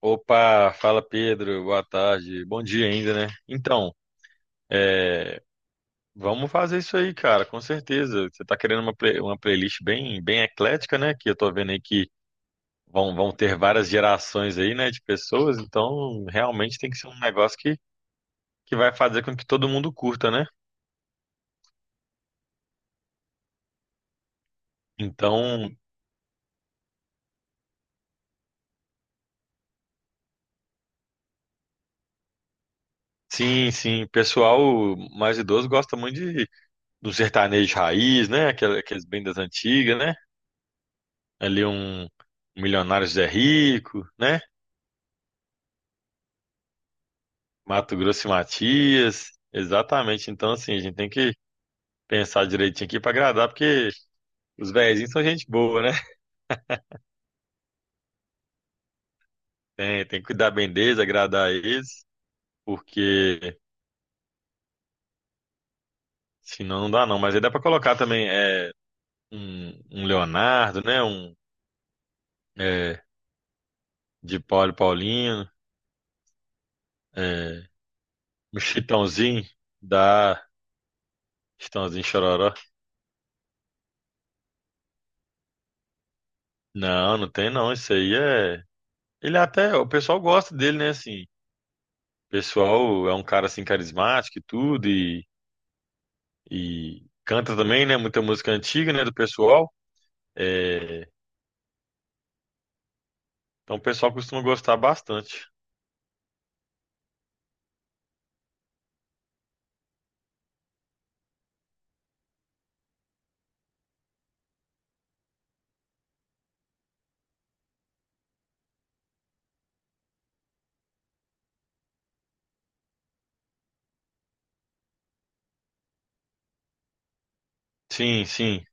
Opa, fala Pedro, boa tarde, bom dia ainda, né? Então, é, vamos fazer isso aí, cara, com certeza. Você tá querendo uma, uma playlist bem, bem eclética, né? Que eu tô vendo aí que vão ter várias gerações aí, né, de pessoas, então realmente tem que ser um negócio que vai fazer com que todo mundo curta, né? Então, sim, sim, pessoal mais idoso gosta muito de, do sertanejo raiz, né? Aqueles bem das antigas, né? Ali um Milionários é Rico, né? Mato Grosso e Matias. Exatamente. Então, assim, a gente tem que pensar direitinho aqui pra agradar, porque os velhinhos são gente boa, né? Tem que cuidar bem deles, agradar eles, porque senão não dá não. Mas aí dá pra colocar também um, um Leonardo, né? Um é, de Paulo e Paulinho, é, um Chitãozinho da Chitãozinho Chororó. Não, não tem não. Isso aí é. Ele até. O pessoal gosta dele, né? Assim, o pessoal é um cara assim carismático e tudo, e canta também, né? Muita música antiga, né, do pessoal. É, então o pessoal costuma gostar bastante. Sim, sim.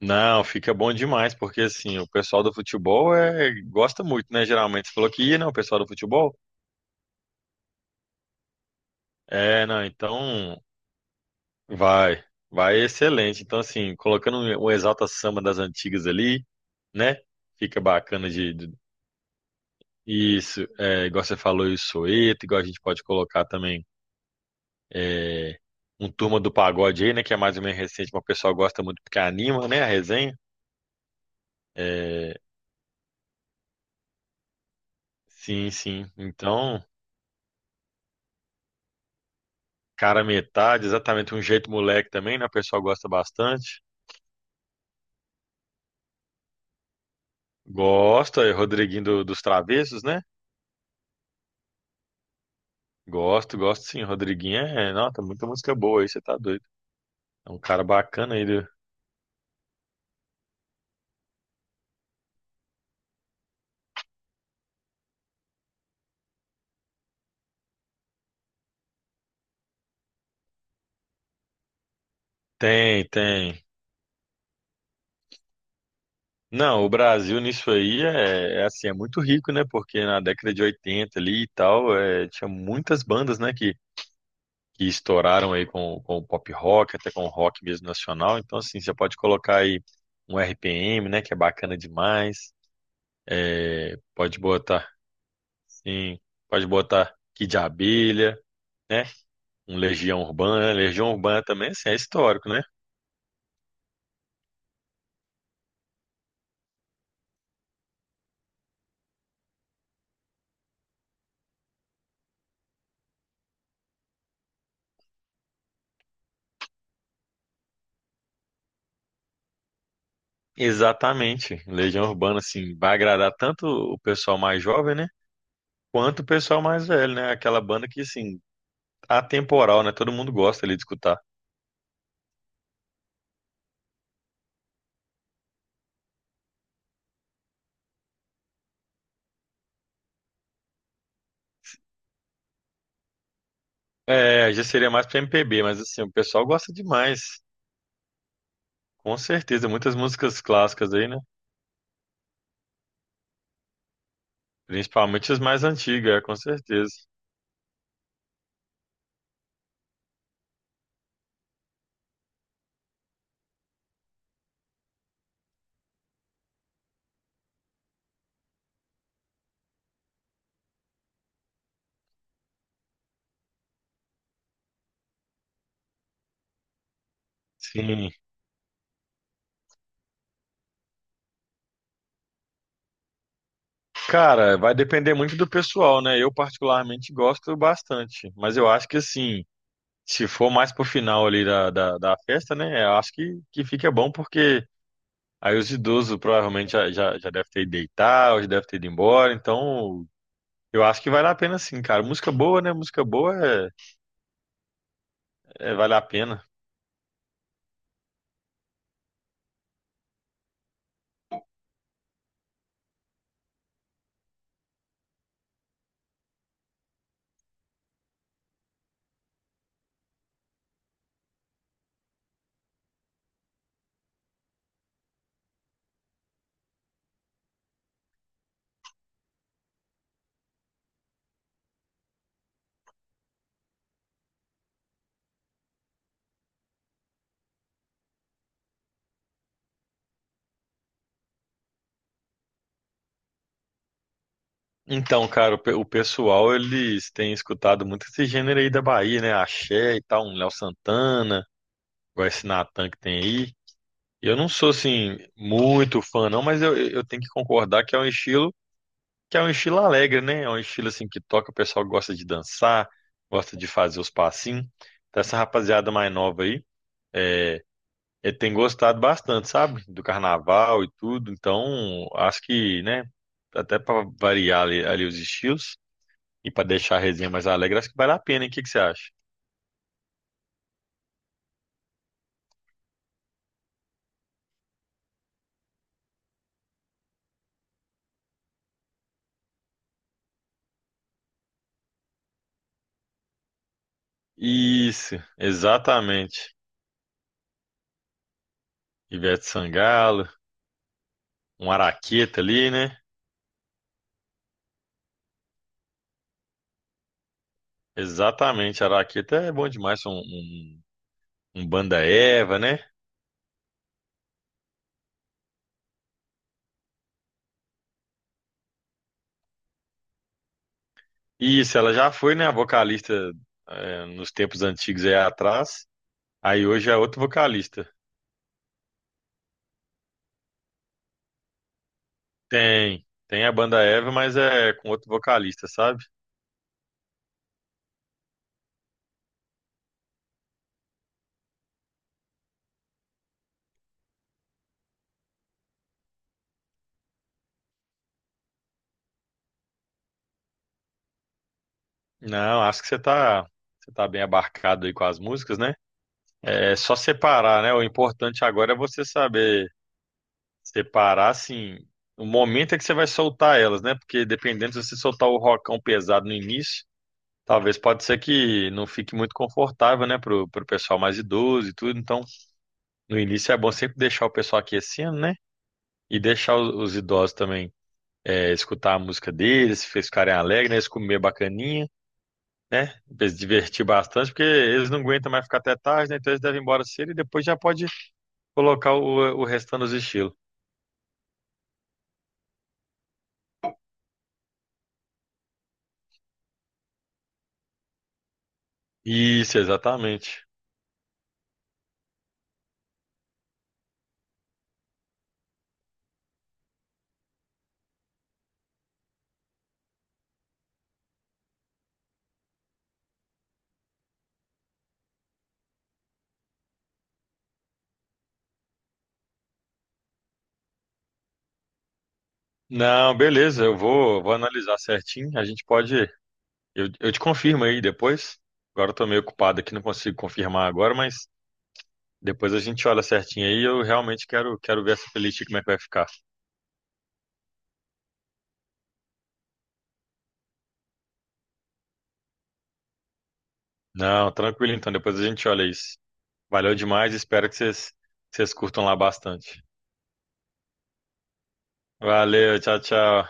Não, fica bom demais, porque assim, o pessoal do futebol é, gosta muito, né? Geralmente você falou que ia, né? O pessoal do futebol. É, não, então vai, vai excelente. Então, assim, colocando um Exalta Samba das antigas ali, né? Fica bacana isso, é, igual você falou, o Soeto, igual a gente pode colocar também é, um Turma do Pagode aí, né? Que é mais ou menos recente, mas o pessoal gosta muito porque anima, né? A resenha. É, sim, sim. Então, cara, metade, exatamente um jeito moleque também, né? O pessoal gosta bastante. Gosta, é Rodriguinho dos Travessos, né? Gosto, gosto sim. Rodriguinho é, não, tem muita música boa aí, você tá doido. É um cara bacana aí. Tem, tem. Não, o Brasil nisso aí é, é assim, é muito rico, né? Porque na década de 80 ali e tal, é, tinha muitas bandas, né, que estouraram aí com o pop rock, até com o rock mesmo nacional. Então, assim, você pode colocar aí um RPM, né, que é bacana demais. É, pode botar, sim, pode botar Kid Abelha, né, um Legião Urbana. Legião Urbana também, assim, é histórico, né? Exatamente. Legião Urbana, assim, vai agradar tanto o pessoal mais jovem, né, quanto o pessoal mais velho, né? Aquela banda que, assim, atemporal, né? Todo mundo gosta ali de escutar. É, já seria mais pra MPB, mas assim, o pessoal gosta demais. Com certeza, muitas músicas clássicas aí, né? Principalmente as mais antigas, é, com certeza. Sim. Cara, vai depender muito do pessoal, né? Eu particularmente gosto bastante, mas eu acho que assim, se for mais pro final ali da festa, né? Eu acho que fica bom porque aí os idosos provavelmente já deve ter ido deitar, ou já deve ter ido embora, então eu acho que vale a pena sim, cara. Música boa, né? Música boa é, vale a pena. Então, cara, o o pessoal, eles têm escutado muito esse gênero aí da Bahia, né? Axé e tal, um Léo Santana, igual esse Natan que tem aí. Eu não sou, assim, muito fã, não, mas eu tenho que concordar que é um estilo, que é um estilo alegre, né? É um estilo, assim, que toca, o pessoal gosta de dançar, gosta de fazer os passinhos. Então, essa rapaziada mais nova aí, é, ele tem gostado bastante, sabe? Do carnaval e tudo. Então, acho que, né? Até para variar ali os estilos. E para deixar a resenha mais alegre, acho que vale a pena, hein? O que que você acha? Isso, exatamente. Ivete Sangalo, um Araqueta ali, né? Exatamente, Araqueta é bom demais, um banda Eva, né? Isso, ela já foi, né, a vocalista é, nos tempos antigos aí atrás. Aí hoje é outro vocalista. Tem, tem a banda Eva, mas é com outro vocalista, sabe? Não, acho que você tá bem abarcado aí com as músicas, né? É só separar, né? O importante agora é você saber separar, assim, o momento é que você vai soltar elas, né? Porque dependendo se você soltar o rocão pesado no início, talvez pode ser que não fique muito confortável, né? Pro pessoal mais idoso e tudo. Então, no início é bom sempre deixar o pessoal aquecendo, né? E deixar os idosos também é, escutar a música deles, se eles ficarem alegres, né? Eles comer bacaninha. Né? Pra eles se divertir bastante, porque eles não aguentam mais ficar até tarde, né? Então eles devem ir embora cedo e depois já pode colocar o restante dos estilos. Isso, exatamente. Não, beleza, eu vou, vou analisar certinho. A gente pode. Eu te confirmo aí depois. Agora eu tô meio ocupado aqui, não consigo confirmar agora, mas depois a gente olha certinho aí. Eu realmente quero, quero ver essa playlist como é que vai ficar. Não, tranquilo então, depois a gente olha isso. Valeu demais, espero que vocês curtam lá bastante. Valeu, tchau, tchau.